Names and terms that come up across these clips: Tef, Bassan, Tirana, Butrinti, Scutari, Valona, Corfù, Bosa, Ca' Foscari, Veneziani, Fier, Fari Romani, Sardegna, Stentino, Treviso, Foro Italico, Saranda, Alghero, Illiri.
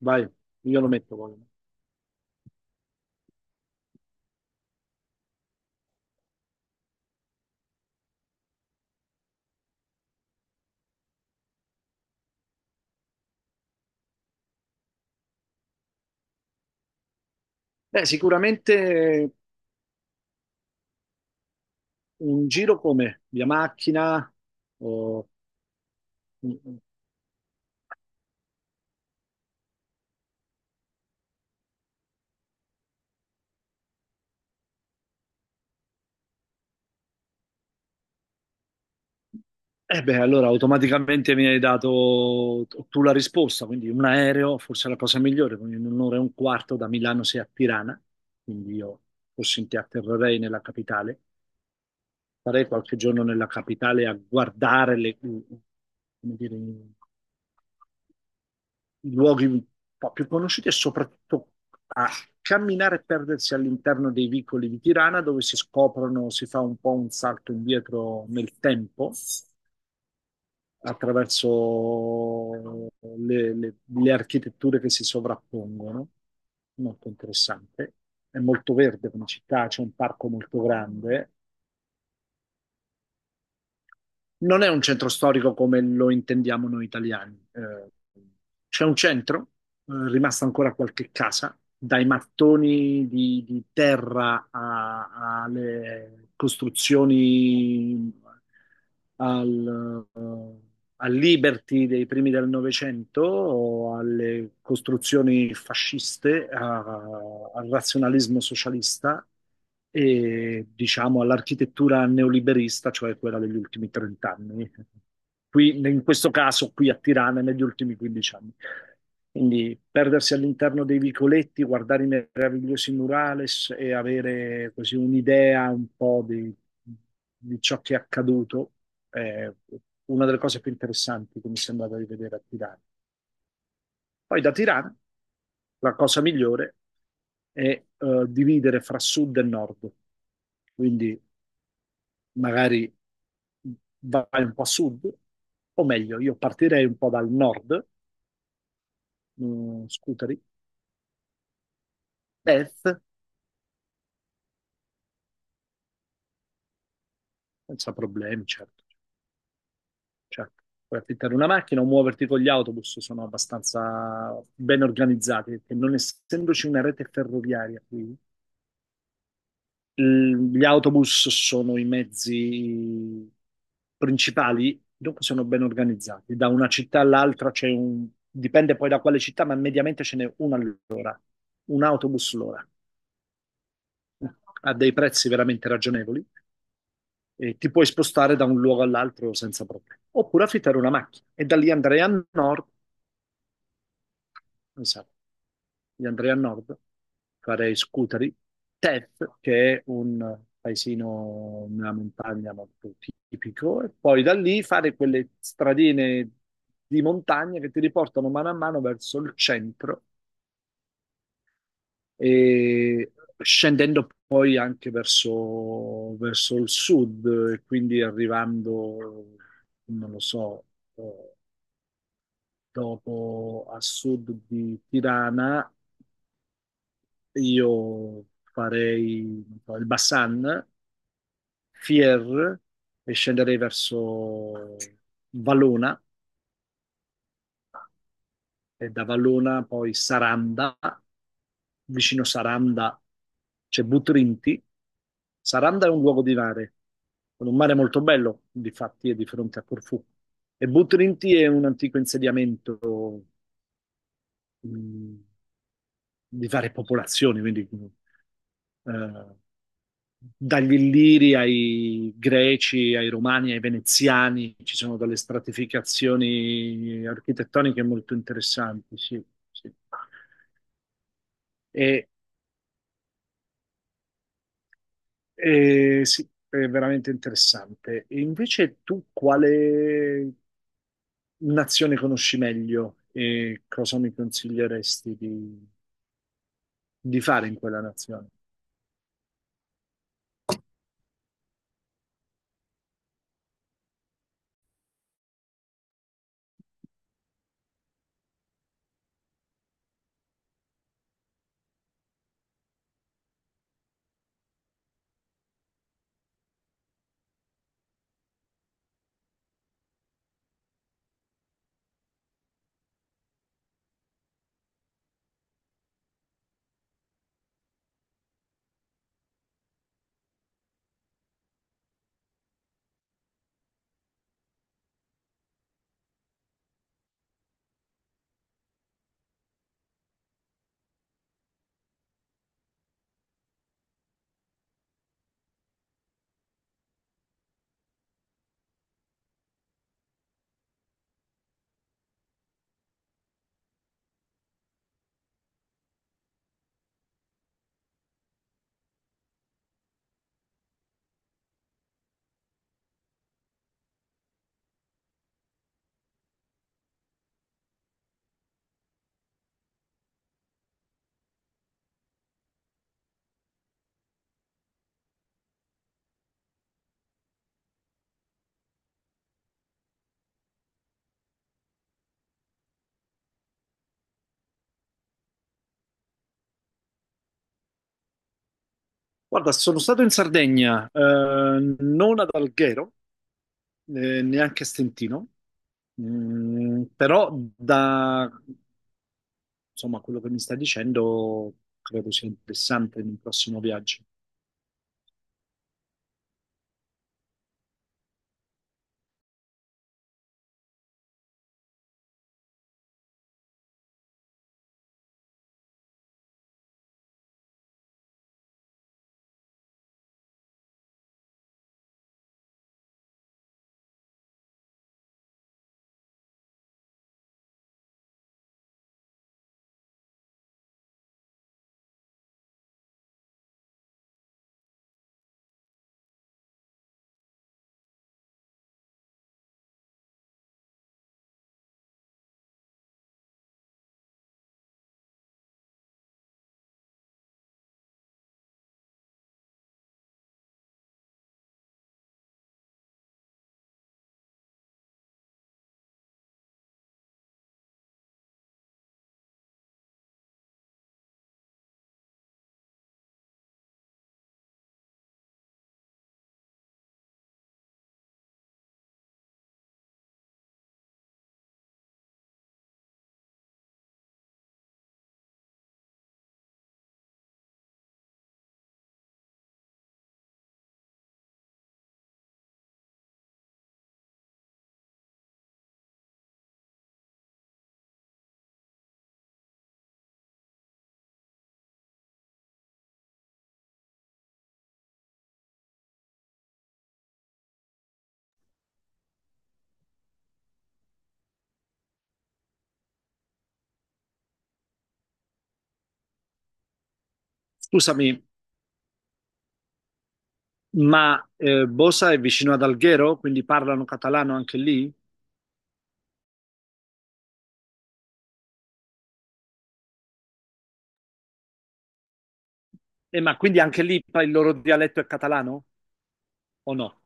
Vai, io lo metto poi. Sicuramente un giro come via macchina o... allora automaticamente mi hai dato tu la risposta, quindi un aereo forse è la cosa migliore, quindi in un'ora e un quarto da Milano sei a Tirana, quindi io forse in ti atterrerei nella capitale, farei qualche giorno nella capitale a guardare i luoghi un po' più conosciuti e soprattutto a camminare e perdersi all'interno dei vicoli di Tirana, dove si scoprono, si fa un po' un salto indietro nel tempo attraverso le architetture che si sovrappongono. Molto interessante. È molto verde come città, c'è un parco molto grande. Non è un centro storico come lo intendiamo noi italiani. C'è un centro, rimasta ancora qualche casa, dai mattoni di terra alle costruzioni al al Liberty dei primi del Novecento, o alle costruzioni fasciste, al razionalismo socialista e diciamo all'architettura neoliberista, cioè quella degli ultimi 30 anni. Qui, in questo caso, qui a Tirana, negli ultimi 15 anni. Quindi perdersi all'interno dei vicoletti, guardare i meravigliosi murales e avere così un'idea un po' di ciò che è accaduto è una delle cose più interessanti che mi sembrava di vedere a Tirana. Poi da Tirana la cosa migliore è dividere fra sud e nord. Quindi magari vai un po' a sud, o meglio, io partirei un po' dal nord, scuteri, Perth, senza problemi, certo. Certo. Puoi affittare una macchina o muoverti con gli autobus, sono abbastanza ben organizzati, perché non essendoci una rete ferroviaria qui, gli autobus sono i mezzi principali, dopo sono ben organizzati. Da una città all'altra c'è un... dipende poi da quale città, ma mediamente ce n'è una all'ora, un autobus all'ora. A dei prezzi veramente ragionevoli e ti puoi spostare da un luogo all'altro senza problemi. Oppure affittare una macchina e da lì andare a nord. Esatto. Io andrei a nord, farei Scutari, Tef, che è un paesino nella montagna molto tipico, e poi da lì fare quelle stradine di montagna che ti riportano mano a mano verso il centro e scendendo poi anche verso, verso il sud, e quindi arrivando, non lo so, eh, dopo a sud di Tirana. Io farei non so, il Bassan, Fier e scenderei verso Valona e da Valona poi Saranda, vicino Saranda c'è Butrinti. Saranda è un luogo di mare, con un mare molto bello, difatti è di fronte a Corfù. E Butrinti è un antico insediamento mh, di varie popolazioni, quindi eh, dagli Illiri ai Greci, ai Romani, ai Veneziani, ci sono delle stratificazioni architettoniche molto interessanti, sì, sì. E, e sì, è veramente interessante. E invece tu quale nazione conosci meglio e cosa mi consiglieresti di fare in quella nazione? Guarda, sono stato in Sardegna, non ad Alghero, neanche a Stentino. Però da insomma, quello che mi stai dicendo credo sia interessante in un prossimo viaggio. Scusami, ma Bosa è vicino ad Alghero, quindi parlano catalano anche lì? Ma quindi anche lì il loro dialetto è catalano o no?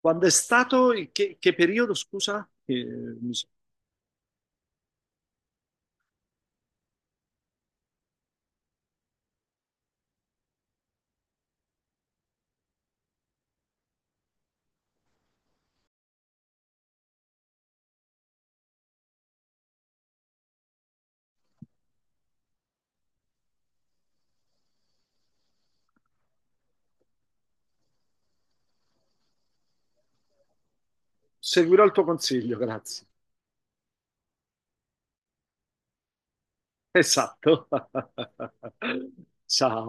Quando è stato? Che periodo, scusa? Mi s- seguirò il tuo consiglio, grazie. Esatto. Ciao.